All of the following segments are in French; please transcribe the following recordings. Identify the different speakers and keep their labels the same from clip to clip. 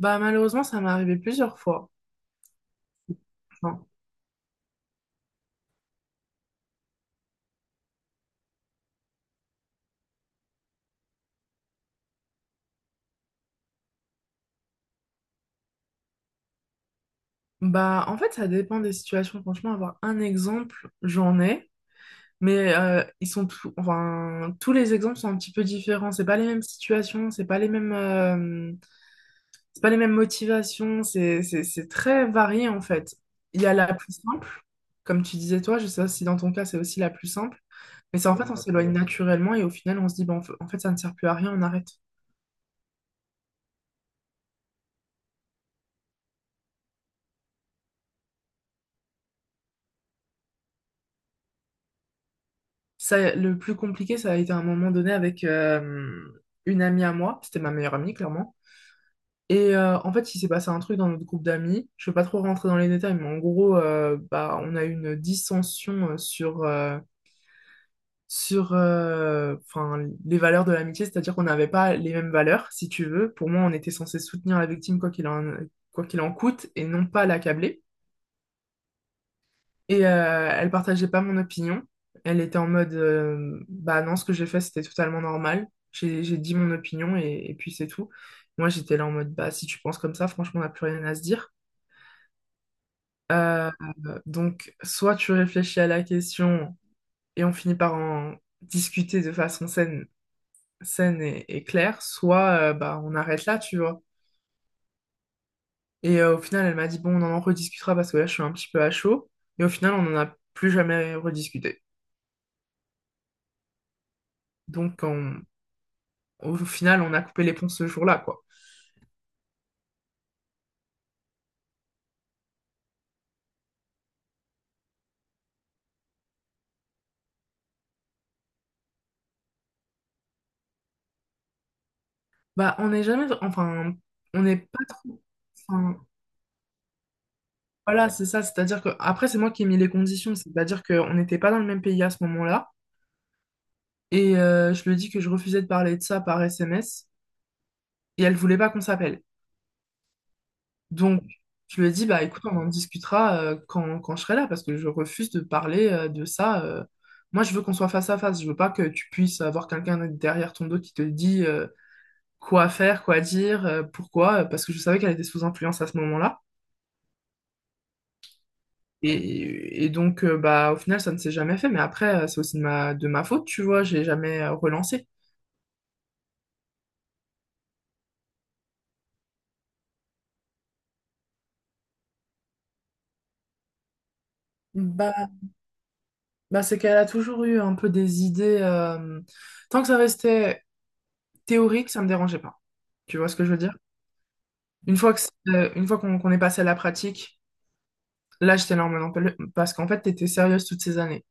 Speaker 1: Bah malheureusement, ça m'est arrivé plusieurs fois. Enfin, bah en fait, ça dépend des situations. Franchement, avoir un exemple, j'en ai, mais enfin tous les exemples sont un petit peu différents. C'est pas les mêmes situations, c'est pas les mêmes motivations. C'est très varié en fait. Il y a la plus simple, comme tu disais toi. Je sais pas si dans ton cas c'est aussi la plus simple, mais c'est en fait on s'éloigne naturellement et au final on se dit bon en fait ça ne sert plus à rien, on arrête. Ça, le plus compliqué, ça a été à un moment donné avec une amie à moi. C'était ma meilleure amie, clairement. Et en fait, il s'est passé un truc dans notre groupe d'amis. Je ne vais pas trop rentrer dans les détails, mais en gros, bah, on a eu une dissension sur, enfin, les valeurs de l'amitié, c'est-à-dire qu'on n'avait pas les mêmes valeurs, si tu veux. Pour moi, on était censé soutenir la victime quoi qu'il en coûte et non pas l'accabler. Et elle partageait pas mon opinion. Elle était en mode, bah non, ce que j'ai fait, c'était totalement normal. J'ai dit mon opinion et puis c'est tout. Moi, j'étais là en mode, bah si tu penses comme ça, franchement, on n'a plus rien à se dire. Euh, donc, soit tu réfléchis à la question et on finit par en discuter de façon saine, saine et claire, soit bah on arrête là, tu vois. Et au final, elle m'a dit, bon, on en rediscutera parce que là, je suis un petit peu à chaud. Et au final, on n'en a plus jamais rediscuté. Donc, on, Au final, on a coupé les ponts ce jour-là, quoi. Bah, on n'est jamais, enfin, on n'est pas trop, enfin, voilà, c'est ça. C'est-à-dire que, après, c'est moi qui ai mis les conditions. C'est-à-dire qu'on n'était pas dans le même pays à ce moment-là. Et je lui ai dit que je refusais de parler de ça par SMS. Et elle voulait pas qu'on s'appelle. Donc, je lui ai dit, bah, écoute, on en discutera quand je serai là, parce que je refuse de parler de ça. Moi, je veux qu'on soit face à face. Je veux pas que tu puisses avoir quelqu'un derrière ton dos qui te dit, quoi faire, quoi dire, pourquoi, parce que je savais qu'elle était sous influence à ce moment-là. Et donc, bah, au final, ça ne s'est jamais fait. Mais après, c'est aussi de ma, faute, tu vois, j'ai jamais relancé. Bah, bah, c'est qu'elle a toujours eu un peu des idées. Tant que ça restait théorique, ça me dérangeait pas. Tu vois ce que je veux dire? Une fois qu'on est passé à la pratique, là, j'étais là en mode, non, parce qu'en fait, t'étais sérieuse toutes ces années.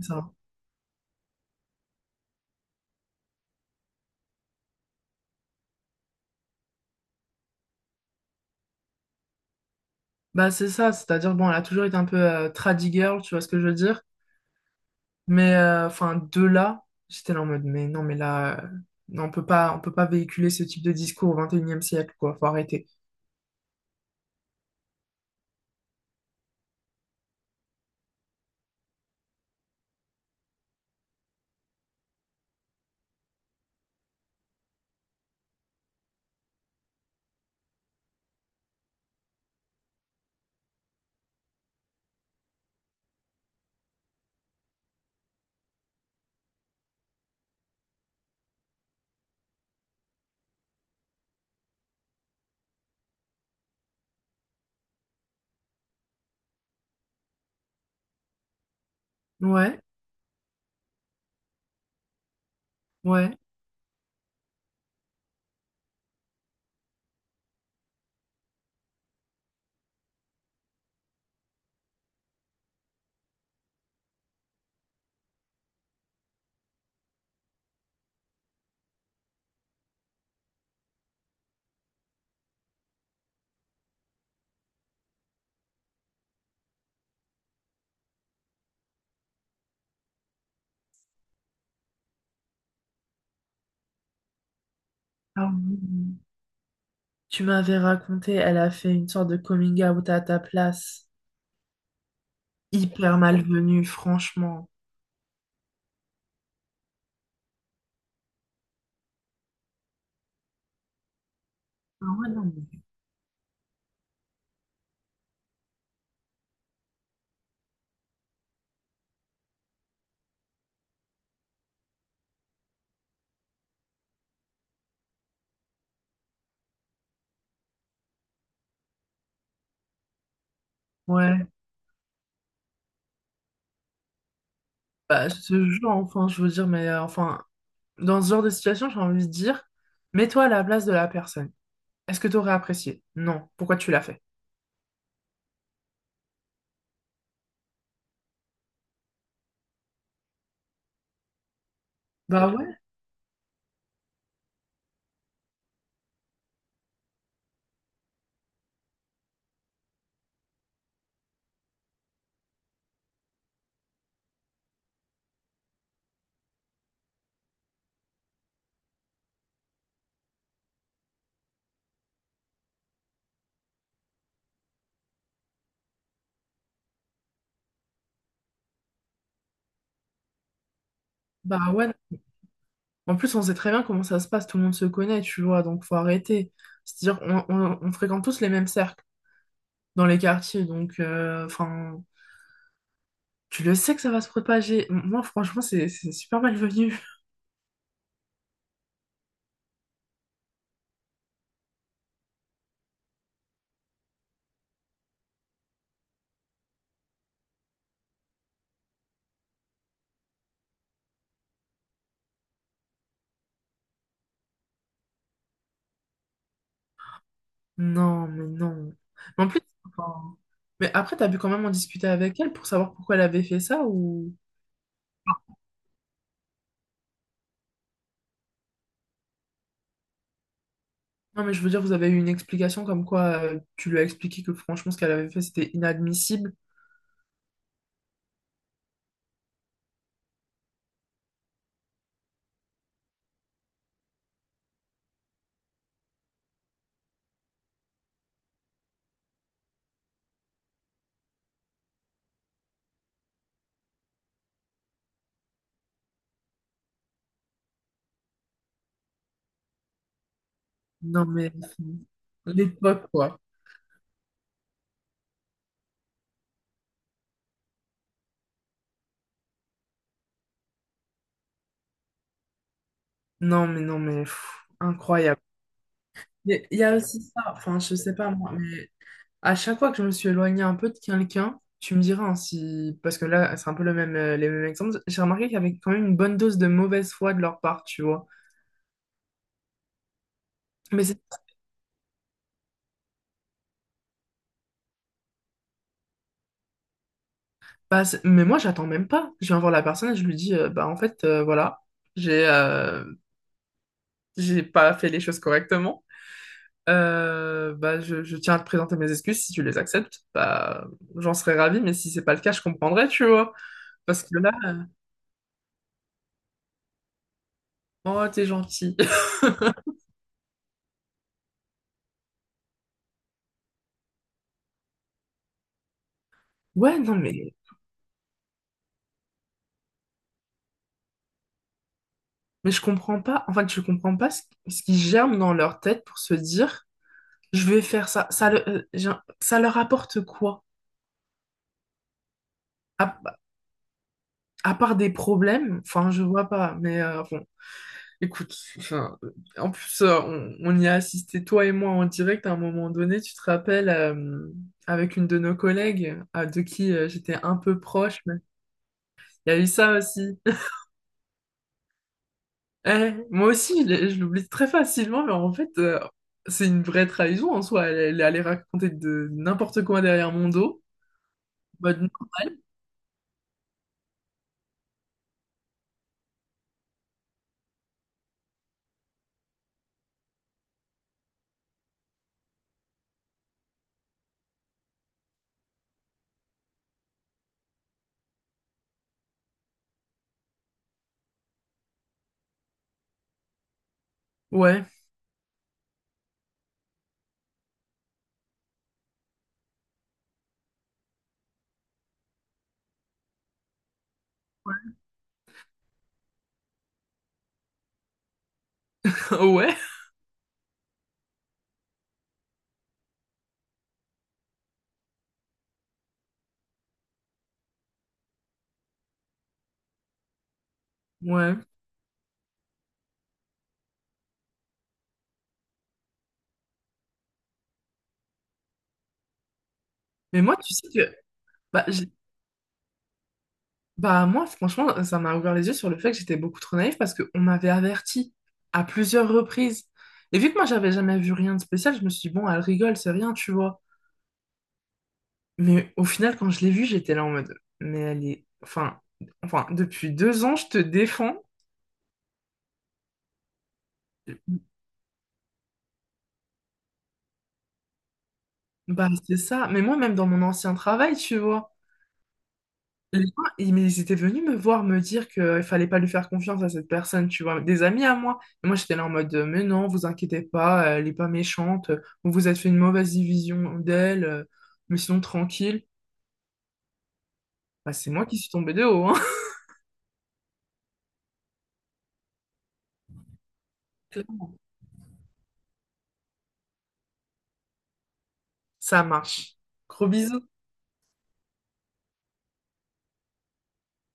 Speaker 1: Ça. Bah, c'est ça, c'est-à-dire, bon, elle a toujours été un peu tradie girl, tu vois ce que je veux dire? Mais enfin, de là, j'étais là en mode, mais non, mais là, non, on peut pas véhiculer ce type de discours au 21e siècle, quoi. Faut arrêter. Ouais, ouais. Ah oui. Tu m'avais raconté, elle a fait une sorte de coming out à ta place. Hyper malvenue, franchement. Ah ouais, non, ouais. Bah, ce genre, enfin, je veux dire, mais enfin, dans ce genre de situation, j'ai envie de dire, mets-toi à la place de la personne. Est-ce que tu aurais apprécié? Non. Pourquoi tu l'as fait? Bah ouais, bah ouais. En plus, on sait très bien comment ça se passe, tout le monde se connaît, tu vois, donc faut arrêter. C'est-à-dire, on fréquente tous les mêmes cercles dans les quartiers, donc, enfin, tu le sais que ça va se propager. Moi, franchement, c'est super malvenu. Non, mais non. Mais en plus, enfin, mais après, t'as pu quand même en discuter avec elle pour savoir pourquoi elle avait fait ça ou... Non, mais je veux dire, vous avez eu une explication comme quoi tu lui as expliqué que franchement, ce qu'elle avait fait, c'était inadmissible. Non, mais enfin, l'époque, quoi. Non, mais non, mais pff, incroyable. Mais il y a aussi ça, enfin, je sais pas moi, mais à chaque fois que je me suis éloignée un peu de quelqu'un, tu me diras hein, si. Parce que là, c'est un peu les mêmes exemples. J'ai remarqué qu'il y avait quand même une bonne dose de mauvaise foi de leur part, tu vois. Mais, c'est pas- c'est- mais moi, j'attends même pas. Je viens voir la personne et je lui dis, bah, en fait, voilà, j'ai euh, j'ai pas fait les choses correctement. Bah, je tiens à te présenter mes excuses. Si tu les acceptes, bah, j'en serais ravie, mais si c'est pas le cas, je comprendrais, tu vois. Parce que là, oh, t'es gentil. Ouais, non, mais. Mais je comprends pas, en fait, je comprends pas ce qui germe dans leur tête pour se dire, je vais faire ça. Ça, ça leur apporte quoi? À, à part des problèmes, enfin, je vois pas, mais bon, écoute, enfin, en plus, on y a assisté, toi et moi, en direct à un moment donné, tu te rappelles, avec une de nos collègues, de qui j'étais un peu proche, mais il y a eu ça aussi. Eh, moi aussi, je l'oublie très facilement, mais en fait, c'est une vraie trahison en soi. Elle, elle est allée raconter de n'importe quoi derrière mon dos. Mode normal. Ouais. Ouais. Ouais. Mais moi, tu sais que. Bah, j'ai- bah, moi, franchement, ça m'a ouvert les yeux sur le fait que j'étais beaucoup trop naïve parce qu'on m'avait averti à plusieurs reprises. Et vu que moi, j'avais jamais vu rien de spécial, je me suis dit, bon, elle rigole, c'est rien, tu vois. Mais au final, quand je l'ai vue, j'étais là en mode. Mais elle est. Enfin, depuis 2 ans, je te défends. Bah, c'est ça. Mais moi, même dans mon ancien travail, tu vois, les gens, mais ils étaient venus me voir me dire qu'il fallait pas lui faire confiance à cette personne, tu vois, des amis à moi. Et moi, j'étais là en mode, mais non, vous inquiétez pas, elle est pas méchante, vous vous êtes fait une mauvaise vision d'elle, mais sinon, tranquille. Bah, c'est moi qui suis tombée de haut, hein. Ça marche. Gros bisous.